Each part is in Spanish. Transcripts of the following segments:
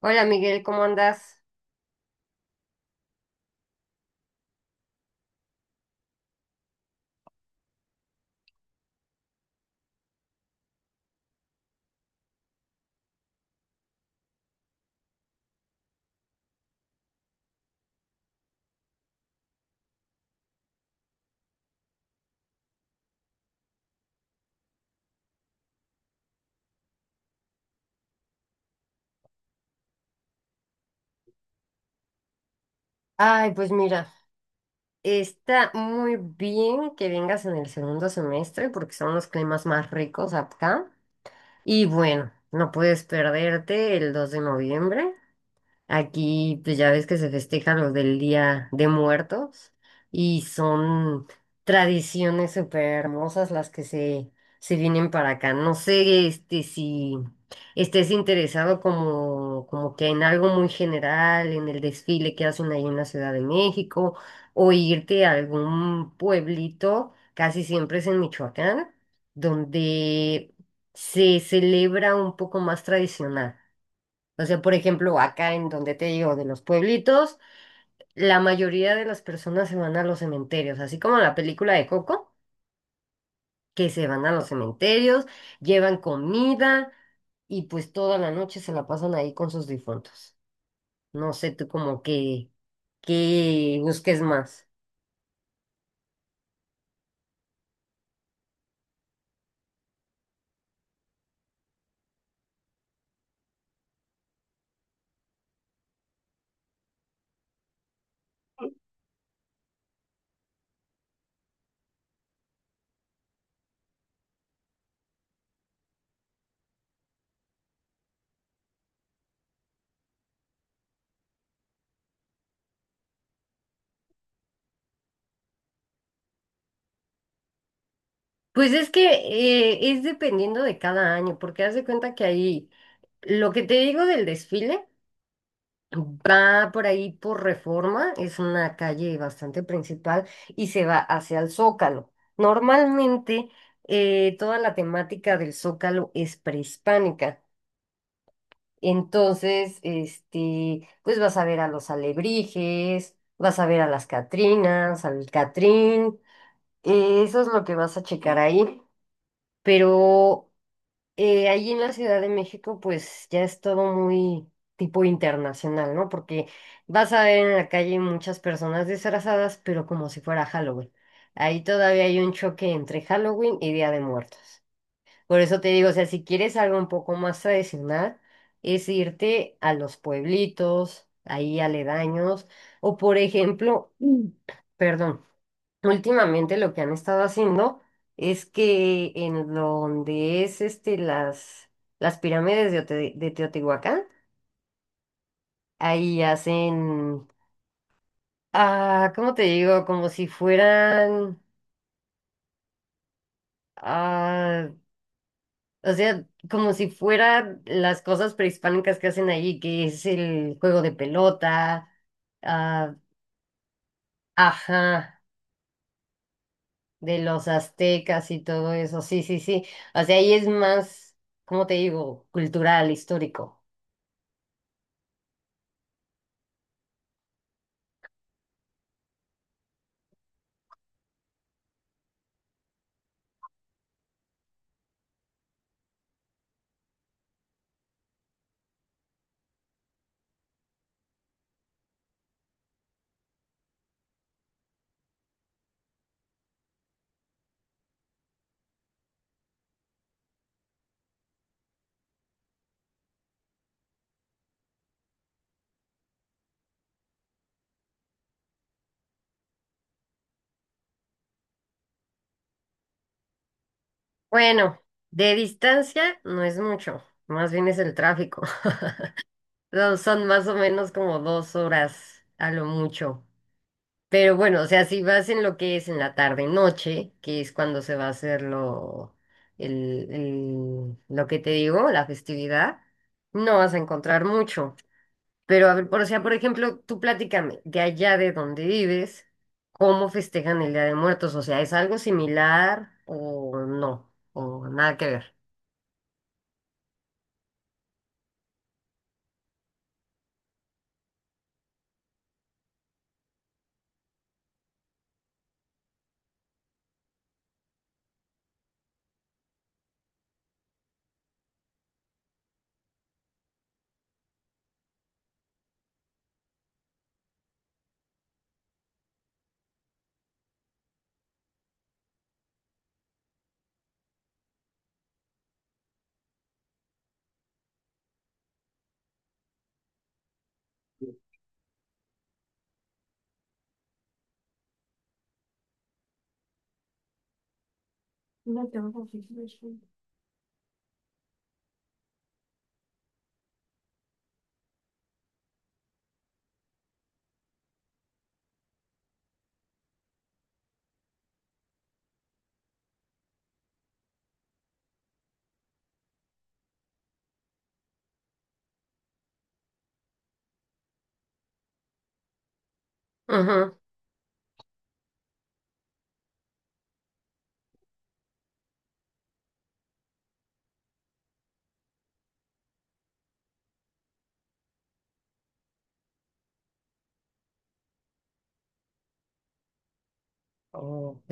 Hola Miguel, ¿cómo andas? Ay, pues mira, está muy bien que vengas en el segundo semestre porque son los climas más ricos acá. Y bueno, no puedes perderte el 2 de noviembre. Aquí, pues ya ves que se festeja lo del Día de Muertos y son tradiciones súper hermosas las que se vienen para acá. No sé, este, si estés interesado como, como que en algo muy general, en el desfile que hacen ahí en la Ciudad de México, o irte a algún pueblito, casi siempre es en Michoacán, donde se celebra un poco más tradicional. O sea, por ejemplo, acá en donde te digo, de los pueblitos, la mayoría de las personas se van a los cementerios, así como en la película de Coco, que se van a los cementerios, llevan comida y pues toda la noche se la pasan ahí con sus difuntos. No sé tú como que busques más. Pues es que es dependiendo de cada año, porque haz de cuenta que ahí, lo que te digo del desfile. Va por ahí por Reforma, es una calle bastante principal y se va hacia el Zócalo. Normalmente toda la temática del Zócalo es prehispánica. Entonces, este, pues vas a ver a los alebrijes, vas a ver a las Catrinas, al Catrín, eso es lo que vas a checar ahí. Pero ahí en la Ciudad de México, pues ya es todo muy tipo internacional, ¿no? Porque vas a ver en la calle muchas personas disfrazadas, pero como si fuera Halloween. Ahí todavía hay un choque entre Halloween y Día de Muertos. Por eso te digo, o sea, si quieres algo un poco más tradicional, es irte a los pueblitos, ahí aledaños, o por ejemplo, perdón. Últimamente lo que han estado haciendo es que en donde es este las pirámides de Teotihuacán, ahí hacen, ¿cómo te digo? Como si fueran, ah, o sea, como si fueran las cosas prehispánicas que hacen allí, que es el juego de pelota, ah, ajá, de los aztecas y todo eso, sí, sí, sí. O sea, ahí es más, ¿cómo te digo? Cultural, histórico. Bueno, de distancia no es mucho, más bien es el tráfico. No, son más o menos como 2 horas a lo mucho. Pero bueno, o sea, si vas en lo que es en la tarde noche, que es cuando se va a hacer lo que te digo, la festividad, no vas a encontrar mucho. Pero a ver, por, o sea, por ejemplo, tú platícame, de allá de donde vives, ¿cómo festejan el Día de Muertos? O sea, ¿es algo similar o no? O nada que ver. No tengo que. Ajá. Ok.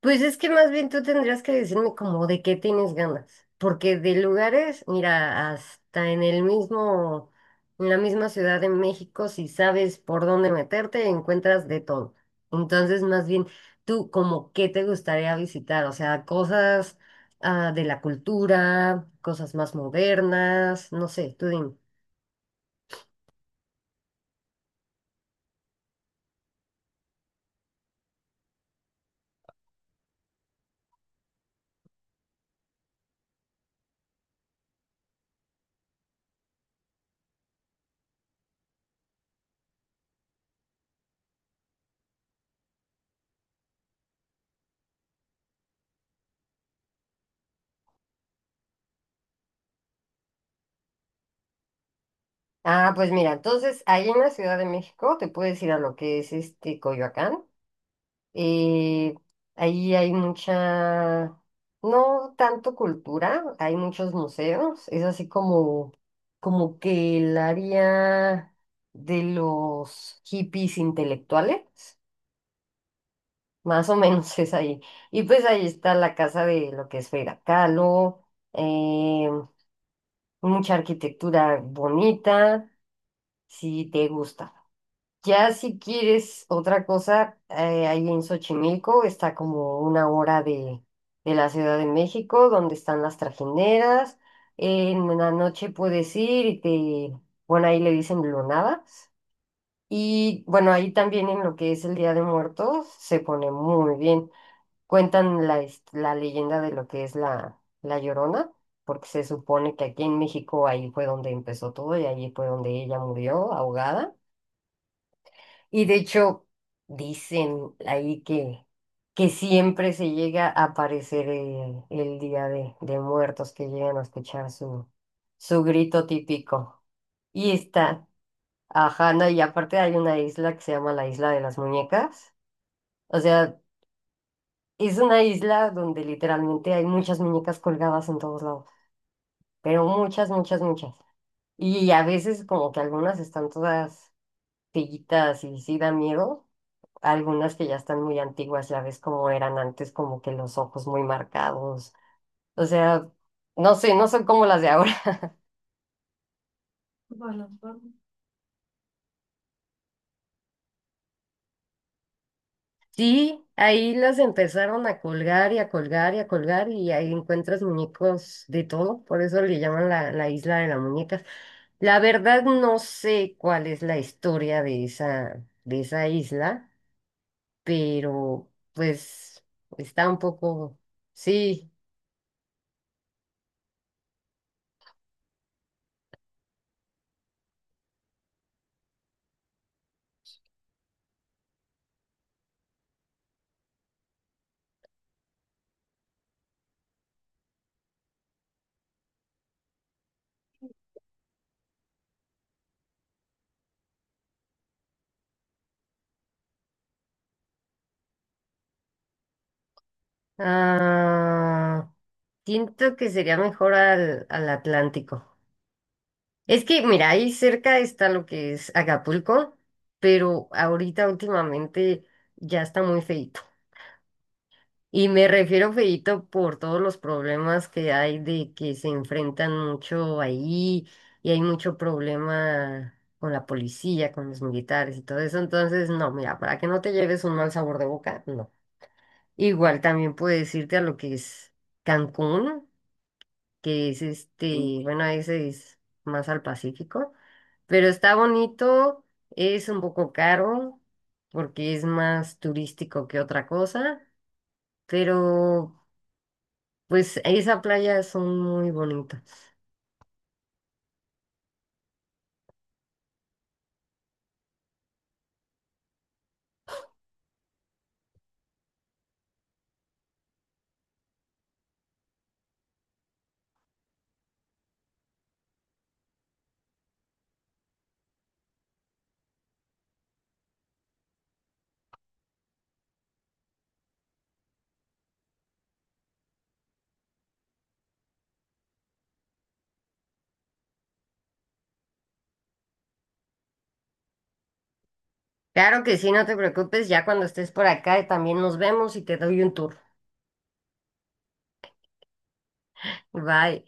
Pues es que más bien tú tendrías que decirme como de qué tienes ganas, porque de lugares, mira, hasta en el mismo, en la misma Ciudad de México, si sabes por dónde meterte, encuentras de todo. Entonces, más bien, tú como qué te gustaría visitar, o sea, cosas de la cultura, cosas más modernas, no sé, tú dime. Ah, pues mira, entonces ahí en la Ciudad de México te puedes ir a lo que es este Coyoacán. eh, Ahí hay mucha, no tanto cultura, hay muchos museos. Es así como, como que el área de los hippies intelectuales, más o menos es ahí. Y pues ahí está la casa de lo que es Frida Kahlo, eh, mucha arquitectura bonita, si te gusta. Ya si quieres otra cosa, ahí en Xochimilco está como 1 hora de la Ciudad de México, donde están las trajineras. En la noche puedes ir y te, bueno, ahí le dicen lunadas. Y bueno, ahí también en lo que es el Día de Muertos se pone muy bien. Cuentan la leyenda de lo que es la Llorona, porque se supone que aquí en México ahí fue donde empezó todo y ahí fue donde ella murió ahogada. Y de hecho, dicen ahí que siempre se llega a aparecer el Día de Muertos, que llegan a escuchar su, su grito típico. Y está, ajá, no, y aparte hay una isla que se llama la Isla de las Muñecas. O sea, es una isla donde literalmente hay muchas muñecas colgadas en todos lados, pero muchas, muchas, muchas. Y a veces como que algunas están todas pillitas y sí dan miedo algunas que ya están muy antiguas, ya ves cómo eran antes, como que los ojos muy marcados. O sea, no sé, no son como las de ahora. Bueno, por-. Sí, ahí las empezaron a colgar y a colgar y a colgar y ahí encuentras muñecos de todo, por eso le llaman la isla de las muñecas. La verdad no sé cuál es la historia de esa isla, pero pues está un poco, sí. Ah, siento que sería mejor al, al Atlántico. Es que, mira, ahí cerca está lo que es Acapulco, pero ahorita últimamente ya está muy feito. Y me refiero feito por todos los problemas que hay de que se enfrentan mucho ahí y hay mucho problema con la policía, con los militares y todo eso. Entonces, no, mira, para que no te lleves un mal sabor de boca, no. Igual también puedes irte a lo que es Cancún, que es este, bueno, ese es más al Pacífico, pero está bonito, es un poco caro porque es más turístico que otra cosa, pero pues esas playas son muy bonitas. Claro que sí, no te preocupes, ya cuando estés por acá también nos vemos y te doy un tour. Bye.